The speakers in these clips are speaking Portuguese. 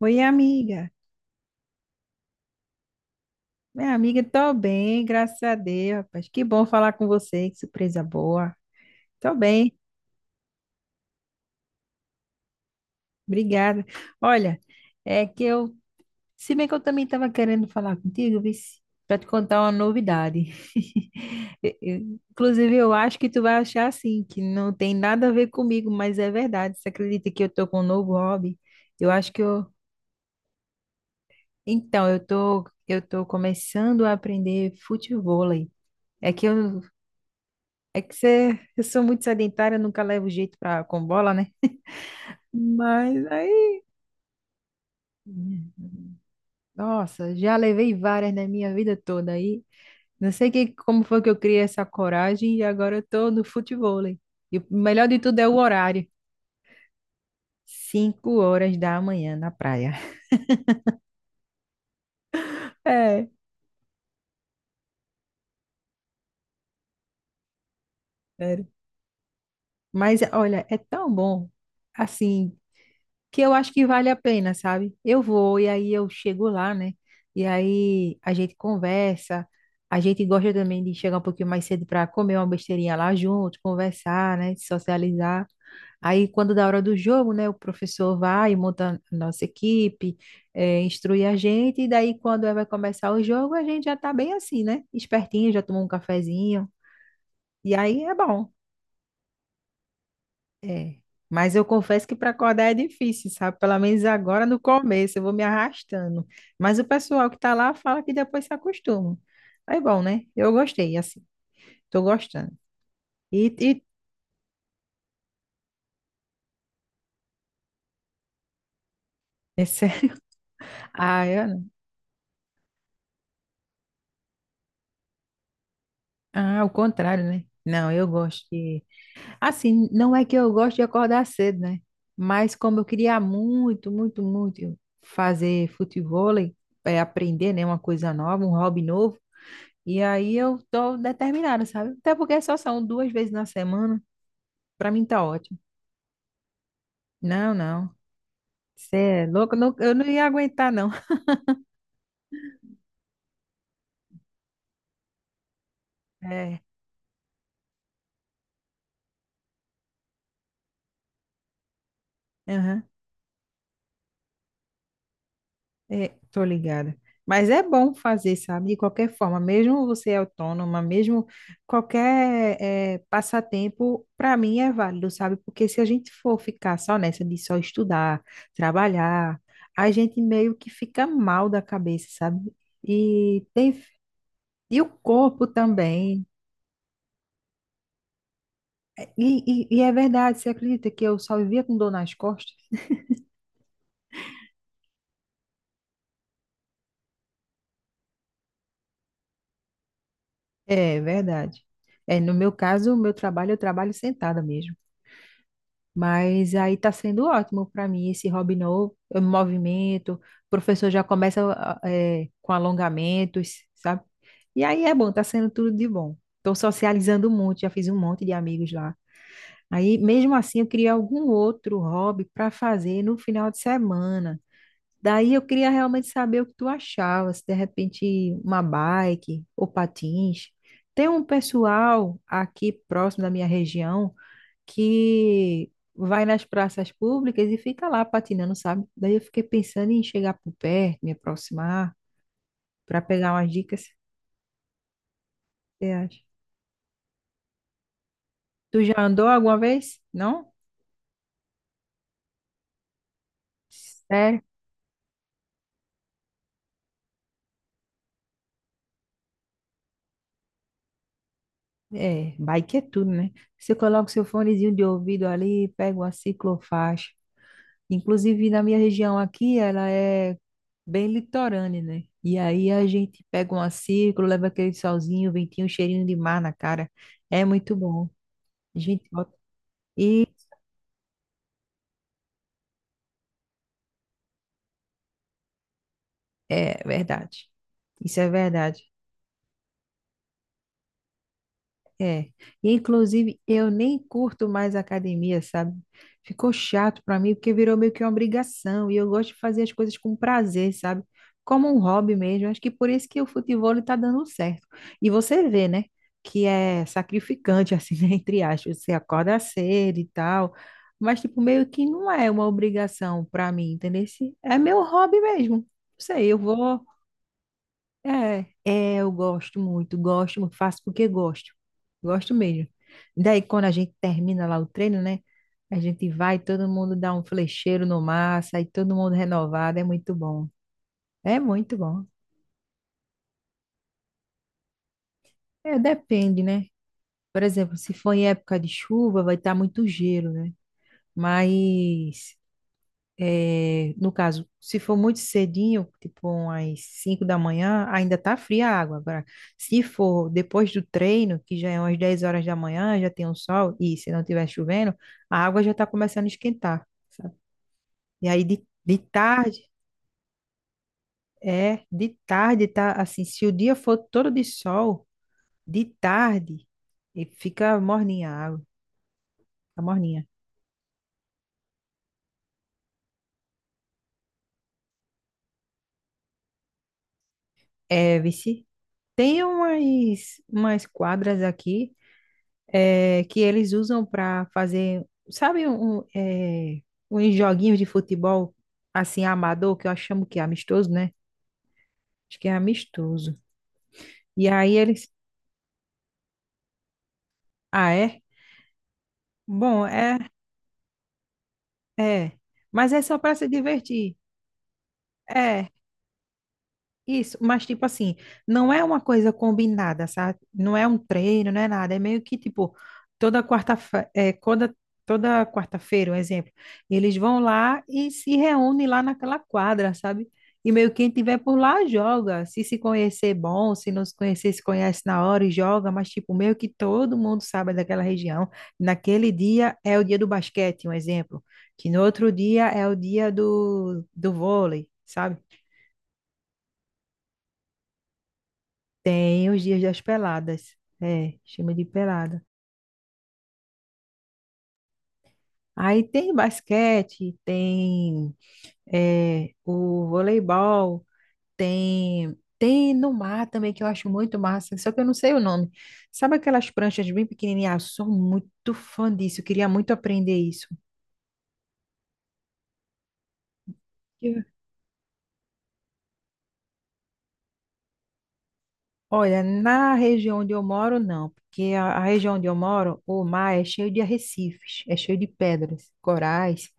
Oi, amiga. Minha amiga, tô bem, graças a Deus, rapaz. Que bom falar com você, que surpresa boa. Tô bem, obrigada. Olha, é que eu, se bem que eu também estava querendo falar contigo, para te contar uma novidade. Inclusive, eu acho que tu vai achar assim, que não tem nada a ver comigo, mas é verdade. Você acredita que eu tô com um novo hobby? Eu acho que eu, Então, eu tô começando a aprender futevôlei. É que eu É que você, eu sou muito sedentária, nunca levo jeito pra, com bola, né? Mas aí, nossa, já levei várias na minha vida toda aí. Não sei que, como foi que eu criei essa coragem e agora eu tô no futevôlei. E o melhor de tudo é o horário. 5 horas da manhã na praia. É, sério. Mas olha, é tão bom. Assim, que eu acho que vale a pena, sabe? Eu vou e aí eu chego lá, né? E aí a gente conversa, a gente gosta também de chegar um pouquinho mais cedo para comer uma besteirinha lá junto, conversar, né? Socializar. Aí, quando da hora do jogo, né, o professor vai e monta a nossa equipe, instrui a gente, e daí, vai começar o jogo, a gente já tá bem assim, né? Espertinho, já tomou um cafezinho, e aí é bom. É. Mas eu confesso que para acordar é difícil, sabe? Pelo menos agora no começo eu vou me arrastando. Mas o pessoal que está lá fala que depois se acostuma. É bom, né? Eu gostei, assim. Tô gostando. E, e esse- ah, eu não. Ah, o contrário, né? Não, eu gosto de. Assim, não é que eu gosto de acordar cedo, né? Mas como eu queria muito, muito, muito fazer futevôlei, é, aprender, né, uma coisa nova, um hobby novo. E aí eu tô determinada, sabe? Até porque só são 2 vezes na semana, pra mim tá ótimo. Não, não. Você é louco, eu não ia aguentar, não. É, aham, é, tô ligada. Mas é bom fazer, sabe? De qualquer forma, mesmo você autônoma, mesmo qualquer passatempo, para mim é válido, sabe? Porque se a gente for ficar só nessa de só estudar, trabalhar, a gente meio que fica mal da cabeça, sabe? E tem e o corpo também. É verdade, você acredita que eu só vivia com dor nas costas? É verdade. É, no meu caso, o meu trabalho, eu trabalho sentada mesmo. Mas aí tá sendo ótimo para mim esse hobby novo, eu me movimento, o professor já começa com alongamentos, sabe? E aí é bom, tá sendo tudo de bom. Estou socializando muito, já fiz um monte de amigos lá. Aí, mesmo assim, eu queria algum outro hobby para fazer no final de semana. Daí eu queria realmente saber o que tu achava, se de repente uma bike ou patins. Tem um pessoal aqui próximo da minha região que vai nas praças públicas e fica lá patinando, sabe? Daí eu fiquei pensando em chegar por perto, me aproximar, para pegar umas dicas. Você acha? Tu já andou alguma vez? Não? Sério? É, bike é tudo, né? Você coloca o seu fonezinho de ouvido ali, pega uma ciclofaixa. Inclusive, na minha região aqui, ela é bem litorânea, né? E aí a gente pega uma círculo, leva aquele solzinho, ventinho, cheirinho de mar na cara. É muito bom. Gente, ó, é verdade. Isso é verdade. É, e inclusive eu nem curto mais academia, sabe? Ficou chato pra mim porque virou meio que uma obrigação e eu gosto de fazer as coisas com prazer, sabe? Como um hobby mesmo. Acho que por isso que o futebol tá dando certo. E você vê, né? Que é sacrificante, assim, né? Entre aspas, você acorda cedo e tal, mas tipo meio que não é uma obrigação pra mim, entendeu? É meu hobby mesmo. Não sei, eu vou eu gosto muito, faço porque gosto, gosto mesmo. Daí, quando a gente termina lá o treino, né? A gente vai, todo mundo dá um flecheiro no mar, sai todo mundo renovado, é muito bom. É muito bom. É, depende, né? Por exemplo, se for em época de chuva, vai estar muito gelo, né? Mas é, no caso, se for muito cedinho, tipo umas 5 da manhã, ainda tá fria a água. Agora, se for depois do treino, que já é umas 10 horas da manhã, já tem um sol, e se não tiver chovendo, a água já tá começando a esquentar, sabe? E aí de tarde, é, De tarde tá assim, se o dia for todo de sol, de tarde, e fica morninha a água, fica morninha. É, vici, Tem umas quadras aqui que eles usam para fazer, sabe, uns joguinhos de futebol assim amador, que eu chamo que é amistoso, né? Acho que é amistoso. E aí eles, ah, é? Bom, é, é. Mas é só para se divertir. É. Isso, mas tipo assim, não é uma coisa combinada, sabe? Não é um treino, não é nada. É meio que tipo, toda quarta-feira, toda, um exemplo, eles vão lá e se reúnem lá naquela quadra, sabe? E meio que quem tiver por lá joga. Se se conhecer, bom. Se não se conhecer, se conhece na hora e joga. Mas, tipo, meio que todo mundo sabe daquela região. Naquele dia é o dia do basquete, um exemplo. Que no outro dia é o dia do, do vôlei, sabe? Tem os dias das peladas. É, chama de pelada. Aí tem basquete, tem o voleibol, tem no mar também, que eu acho muito massa, só que eu não sei o nome. Sabe aquelas pranchas bem pequenininhas? Eu sou muito fã disso, eu queria muito aprender isso. Eu- Olha, na região onde eu moro, não, porque a região onde eu moro, o mar é cheio de arrecifes, é cheio de pedras, corais.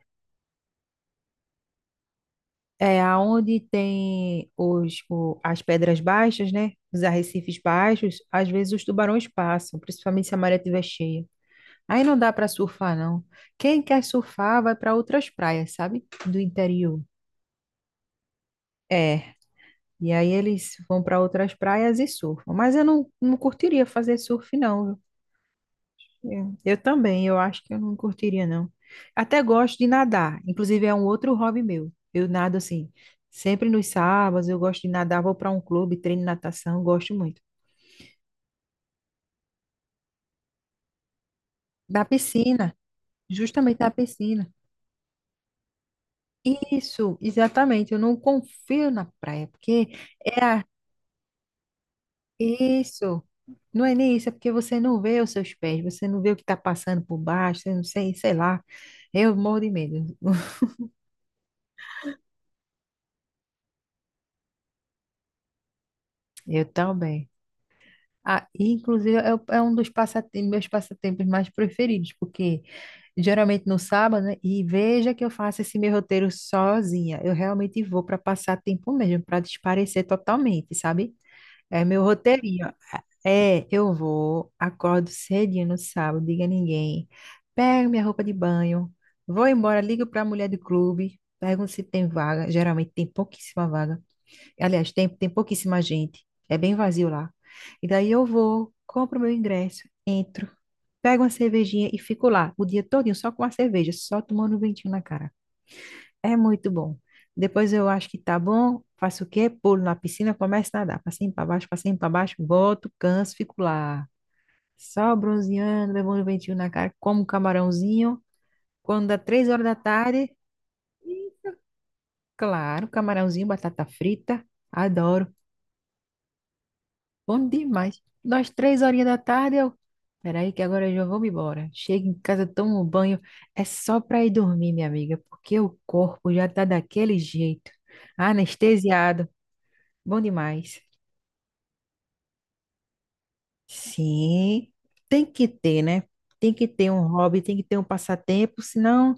É, aonde tem as pedras baixas, né? Os arrecifes baixos, às vezes os tubarões passam, principalmente se a maré estiver cheia. Aí não dá para surfar, não. Quem quer surfar vai para outras praias, sabe? Do interior. É. E aí eles vão para outras praias e surfam. Mas eu não curtiria fazer surf, não. É. Eu também, eu acho que eu não curtiria, não. Até gosto de nadar, inclusive é um outro hobby meu. Eu nado assim, sempre nos sábados, eu gosto de nadar, vou para um clube, treino natação, gosto muito. Da piscina, justamente da piscina. Isso, exatamente, eu não confio na praia, porque é a... isso. Não é nem isso, é porque você não vê os seus pés, você não vê o que está passando por baixo, você não sei, sei lá. Eu morro de medo. Eu também. Ah, inclusive, é, meus passatempos mais preferidos, porque geralmente no sábado, né? E veja que eu faço esse meu roteiro sozinha. Eu realmente vou para passar tempo mesmo, para desaparecer totalmente, sabe? É meu roteirinho. É, eu vou, acordo cedinho no sábado, diga a ninguém, pego minha roupa de banho, vou embora, ligo para a mulher do clube, pergunto se tem vaga. Geralmente tem pouquíssima vaga. Aliás, tem pouquíssima gente. É bem vazio lá. E daí eu vou, compro meu ingresso, entro, pego uma cervejinha e fico lá o dia todinho só com a cerveja, só tomando um ventinho na cara. É muito bom. Depois eu acho que tá bom, faço o quê? Pulo na piscina, começo a nadar. Passinho para baixo, volto, canso, fico lá. Só bronzeando, levando um ventinho na cara, como um camarãozinho. Quando dá 3 horas da tarde, isso, claro, camarãozinho, batata frita. Adoro. Bom demais. Nós, 3 horinhas da tarde, eu. Peraí, que agora eu já vou me embora. Chego em casa, tomo um banho. É só para ir dormir, minha amiga, porque o corpo já tá daquele jeito. Anestesiado. Bom demais. Sim, tem que ter, né? Tem que ter um hobby, tem que ter um passatempo, senão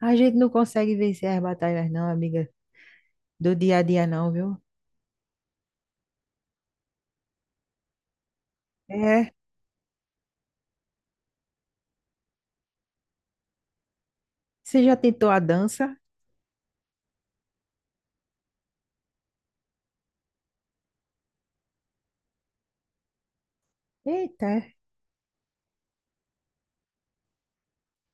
a gente não consegue vencer as batalhas, não, amiga, do dia a dia, não, viu? É. Você já tentou a dança? Eita.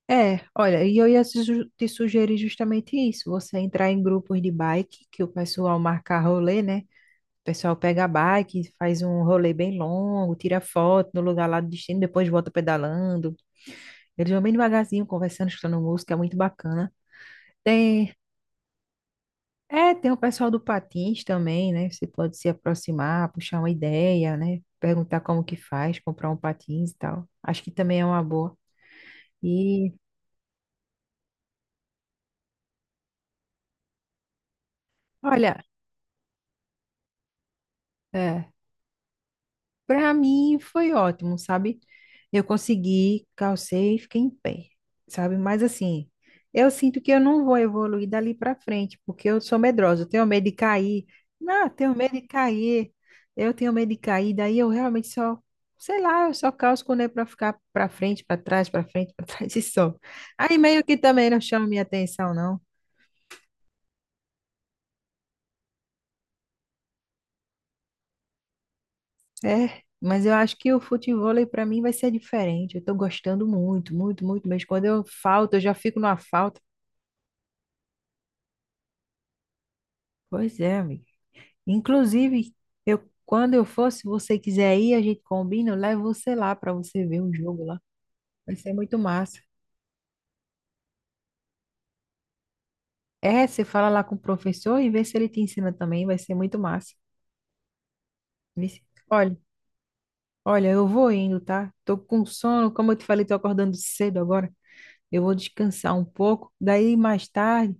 É, olha, e eu ia te sugerir justamente isso, você entrar em grupos de bike, que o pessoal marca rolê, né? O pessoal pega a bike, faz um rolê bem longo, tira foto no lugar lá do destino, depois volta pedalando. Eles vão bem devagarzinho, conversando, escutando música, é muito bacana. Tem, tem o pessoal do patins também, né? Você pode se aproximar, puxar uma ideia, né? Perguntar como que faz, comprar um patins e tal. Acho que também é uma boa. E, olha, é. Para mim foi ótimo, sabe? Eu consegui, calcei e fiquei em pé, sabe? Mas assim, eu sinto que eu não vou evoluir dali para frente, porque eu sou medrosa, eu tenho medo de cair. Não, eu tenho medo de cair. Eu tenho medo de cair, daí eu realmente só, sei lá, eu só calço quando é para ficar para frente, para trás, para frente, para trás e só. Aí meio que também não chama minha atenção, não. É, mas eu acho que o futebol para mim vai ser diferente. Eu tô gostando muito, muito, muito mesmo. Quando eu falto, eu já fico numa falta. Pois é, amigo. Inclusive, eu quando eu for, se você quiser ir, a gente combina, eu levo você lá para você ver um jogo lá. Vai ser muito massa. É, você fala lá com o professor e vê se ele te ensina também, vai ser muito massa. Vixe. Olha, eu vou indo, tá? Tô com sono, como eu te falei, tô acordando cedo agora. Eu vou descansar um pouco. Daí mais tarde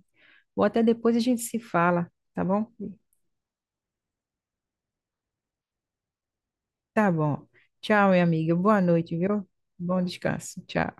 Ou até depois a gente se fala, tá bom? Tá bom. Tchau, minha amiga. Boa noite, viu? Bom descanso. Tchau.